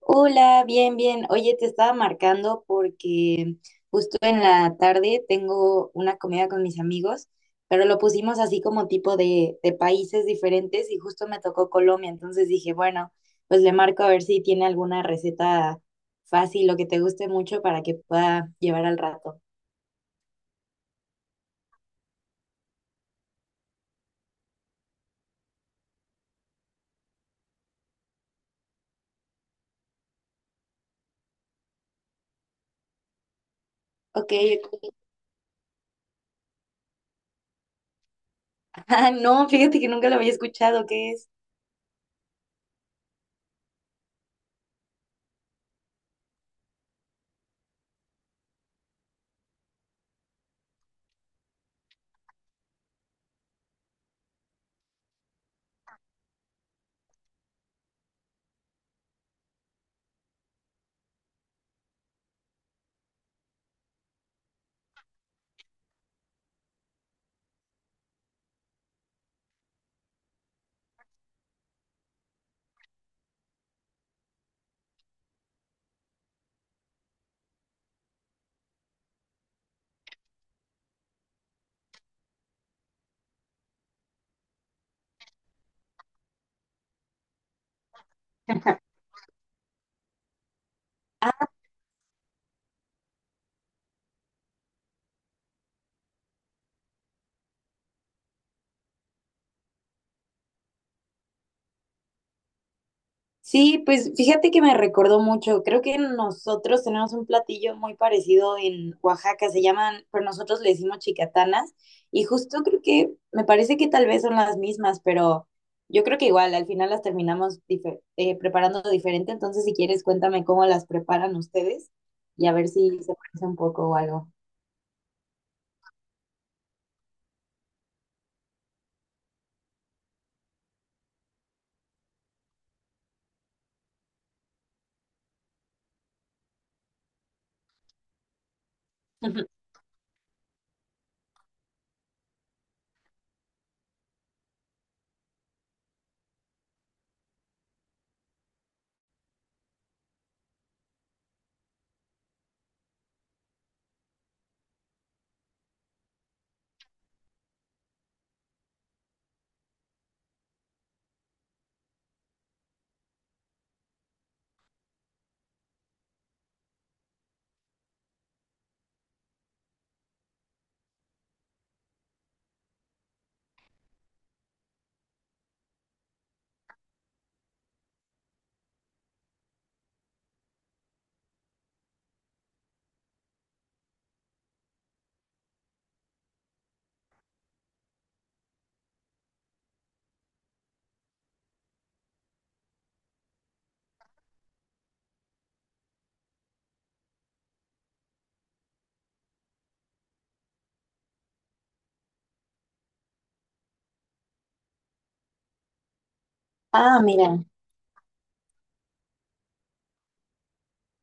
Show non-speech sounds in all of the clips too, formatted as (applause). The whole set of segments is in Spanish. Hola, bien, bien. Oye, te estaba marcando porque justo en la tarde tengo una comida con mis amigos, pero lo pusimos así como tipo de países diferentes y justo me tocó Colombia, entonces dije, bueno, pues le marco a ver si tiene alguna receta fácil o que te guste mucho para que pueda llevar al rato. Ok, ok. (laughs) Ah, no, fíjate que nunca lo había escuchado, ¿qué es? (laughs) Sí, pues fíjate que me recordó mucho. Creo que nosotros tenemos un platillo muy parecido en Oaxaca, se llaman, pero nosotros le decimos chicatanas. Y justo creo que me parece que tal vez son las mismas, pero yo creo que igual al final las terminamos preparando diferente. Entonces, si quieres, cuéntame cómo las preparan ustedes y a ver si se parece un poco o algo. (laughs) Ah, mira.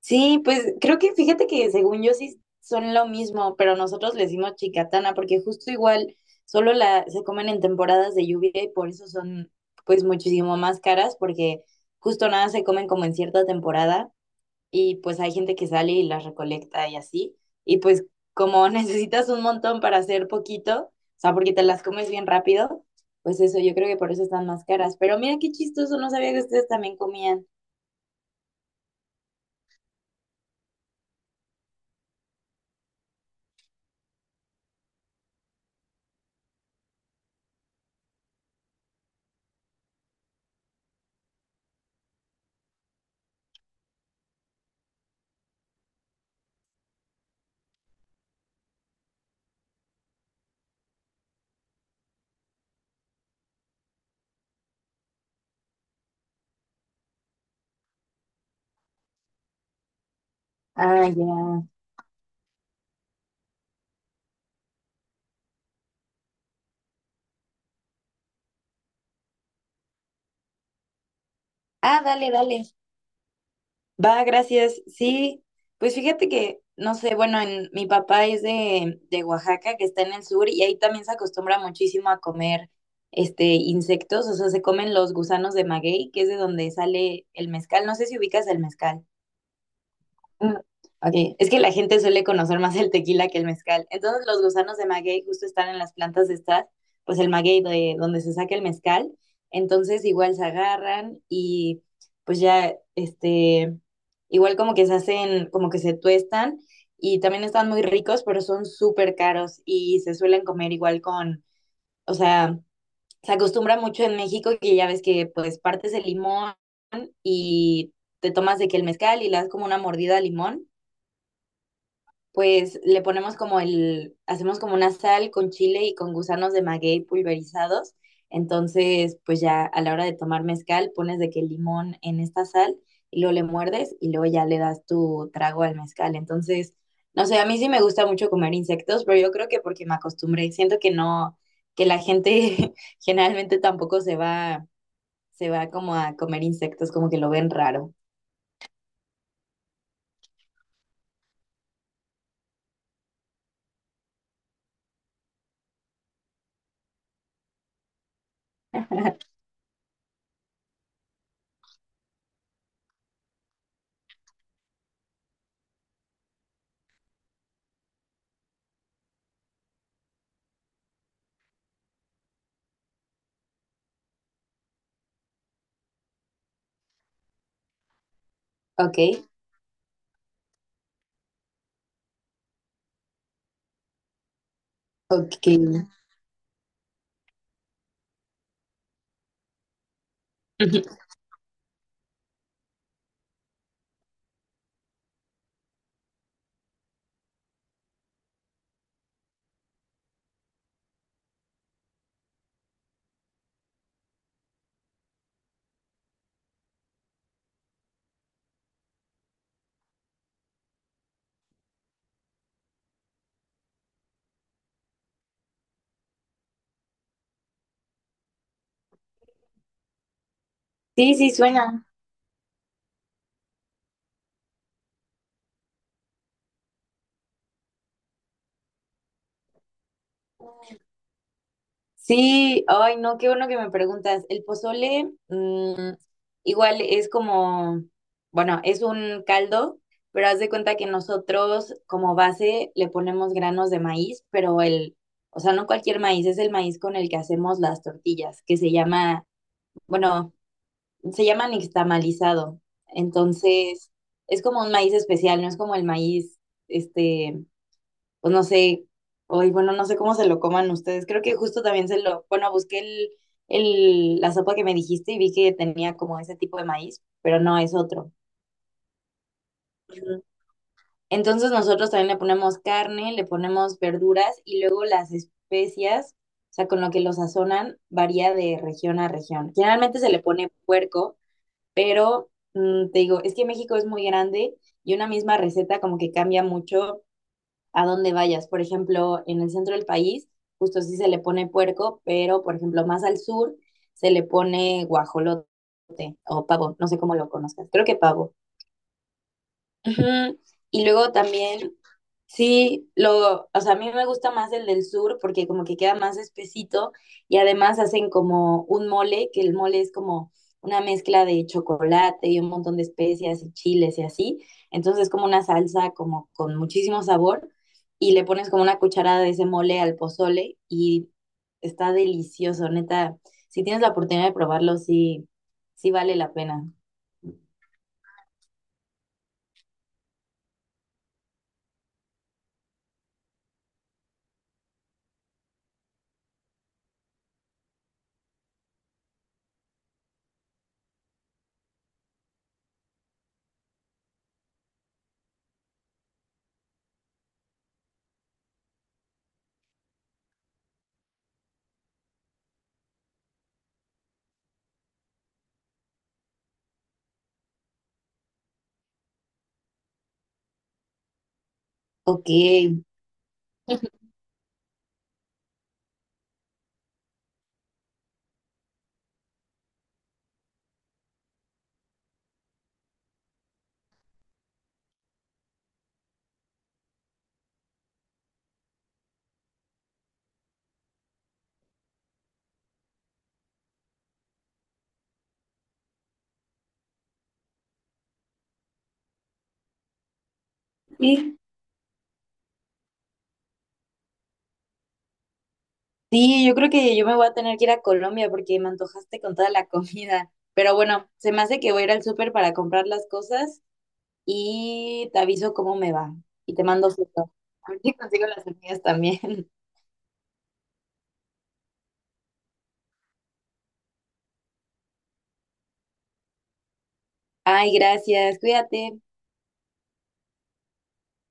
Sí, pues creo que fíjate que según yo sí son lo mismo, pero nosotros le decimos chicatana porque justo igual solo la se comen en temporadas de lluvia y por eso son pues muchísimo más caras porque justo nada se comen como en cierta temporada y pues hay gente que sale y las recolecta y así y pues como (laughs) necesitas un montón para hacer poquito, o sea, porque te las comes bien rápido, pues eso yo creo que por eso están más caras, pero mira qué chistoso, no sabía que ustedes también comían. Ah, ya. Ah, dale, dale. Va, gracias. Sí, pues fíjate que, no sé, bueno, en, mi papá es de Oaxaca, que está en el sur, y ahí también se acostumbra muchísimo a comer este insectos, o sea, se comen los gusanos de maguey, que es de donde sale el mezcal. No sé si ubicas el mezcal. Mm, ok, es que la gente suele conocer más el tequila que el mezcal. Entonces, los gusanos de maguey justo están en las plantas de estas, pues el maguey de donde se saca el mezcal. Entonces, igual se agarran y pues ya, este, igual como que se hacen, como que se tuestan y también están muy ricos, pero son súper caros y se suelen comer igual con, o sea, se acostumbra mucho en México que ya ves que pues partes el limón y te tomas de que el mezcal y le das como una mordida al limón pues le ponemos como el, hacemos como una sal con chile y con gusanos de maguey pulverizados. Entonces, pues ya a la hora de tomar mezcal, pones de que el limón en esta sal y luego le muerdes y luego ya le das tu trago al mezcal. Entonces, no sé, a mí sí me gusta mucho comer insectos, pero yo creo que porque me acostumbré, siento que no, que la gente (laughs) generalmente tampoco se va, se va como a comer insectos, como que lo ven raro. Ok, ok. (laughs) Sí, sí, suena. Sí, ay, no, qué bueno que me preguntas. El pozole, mm, igual es como, bueno, es un caldo, pero haz de cuenta que nosotros como base le ponemos granos de maíz, pero el, o sea, no cualquier maíz, es el maíz con el que hacemos las tortillas, que se llama, bueno, se llama nixtamalizado. Entonces, es como un maíz especial, no es como el maíz, este, pues no sé, hoy, bueno, no sé cómo se lo coman ustedes. Creo que justo también se lo, bueno, busqué el, la sopa que me dijiste y vi que tenía como ese tipo de maíz, pero no es otro. Ujú. Entonces nosotros también le ponemos carne, le ponemos verduras y luego las especias, o sea, con lo que lo sazonan, varía de región a región. Generalmente se le pone puerco, pero mm, te digo, es que México es muy grande y una misma receta como que cambia mucho a dónde vayas. Por ejemplo, en el centro del país, justo sí se le pone puerco, pero por ejemplo, más al sur se le pone guajolote o pavo, no sé cómo lo conozcas, creo que pavo. Ujú. Y luego también, sí, lo, o sea, a mí me gusta más el del sur porque como que queda más espesito y además hacen como un mole, que el mole es como una mezcla de chocolate y un montón de especias y chiles y así. Entonces es como una salsa como con muchísimo sabor y le pones como una cucharada de ese mole al pozole y está delicioso, neta. Si tienes la oportunidad de probarlo, sí, sí vale la pena. Ok. (laughs) Sí, yo creo que yo me voy a tener que ir a Colombia porque me antojaste con toda la comida. Pero bueno, se me hace que voy a ir al súper para comprar las cosas y te aviso cómo me va. Y te mando foto. A ver si consigo las semillas también. (laughs) Ay, gracias. Cuídate.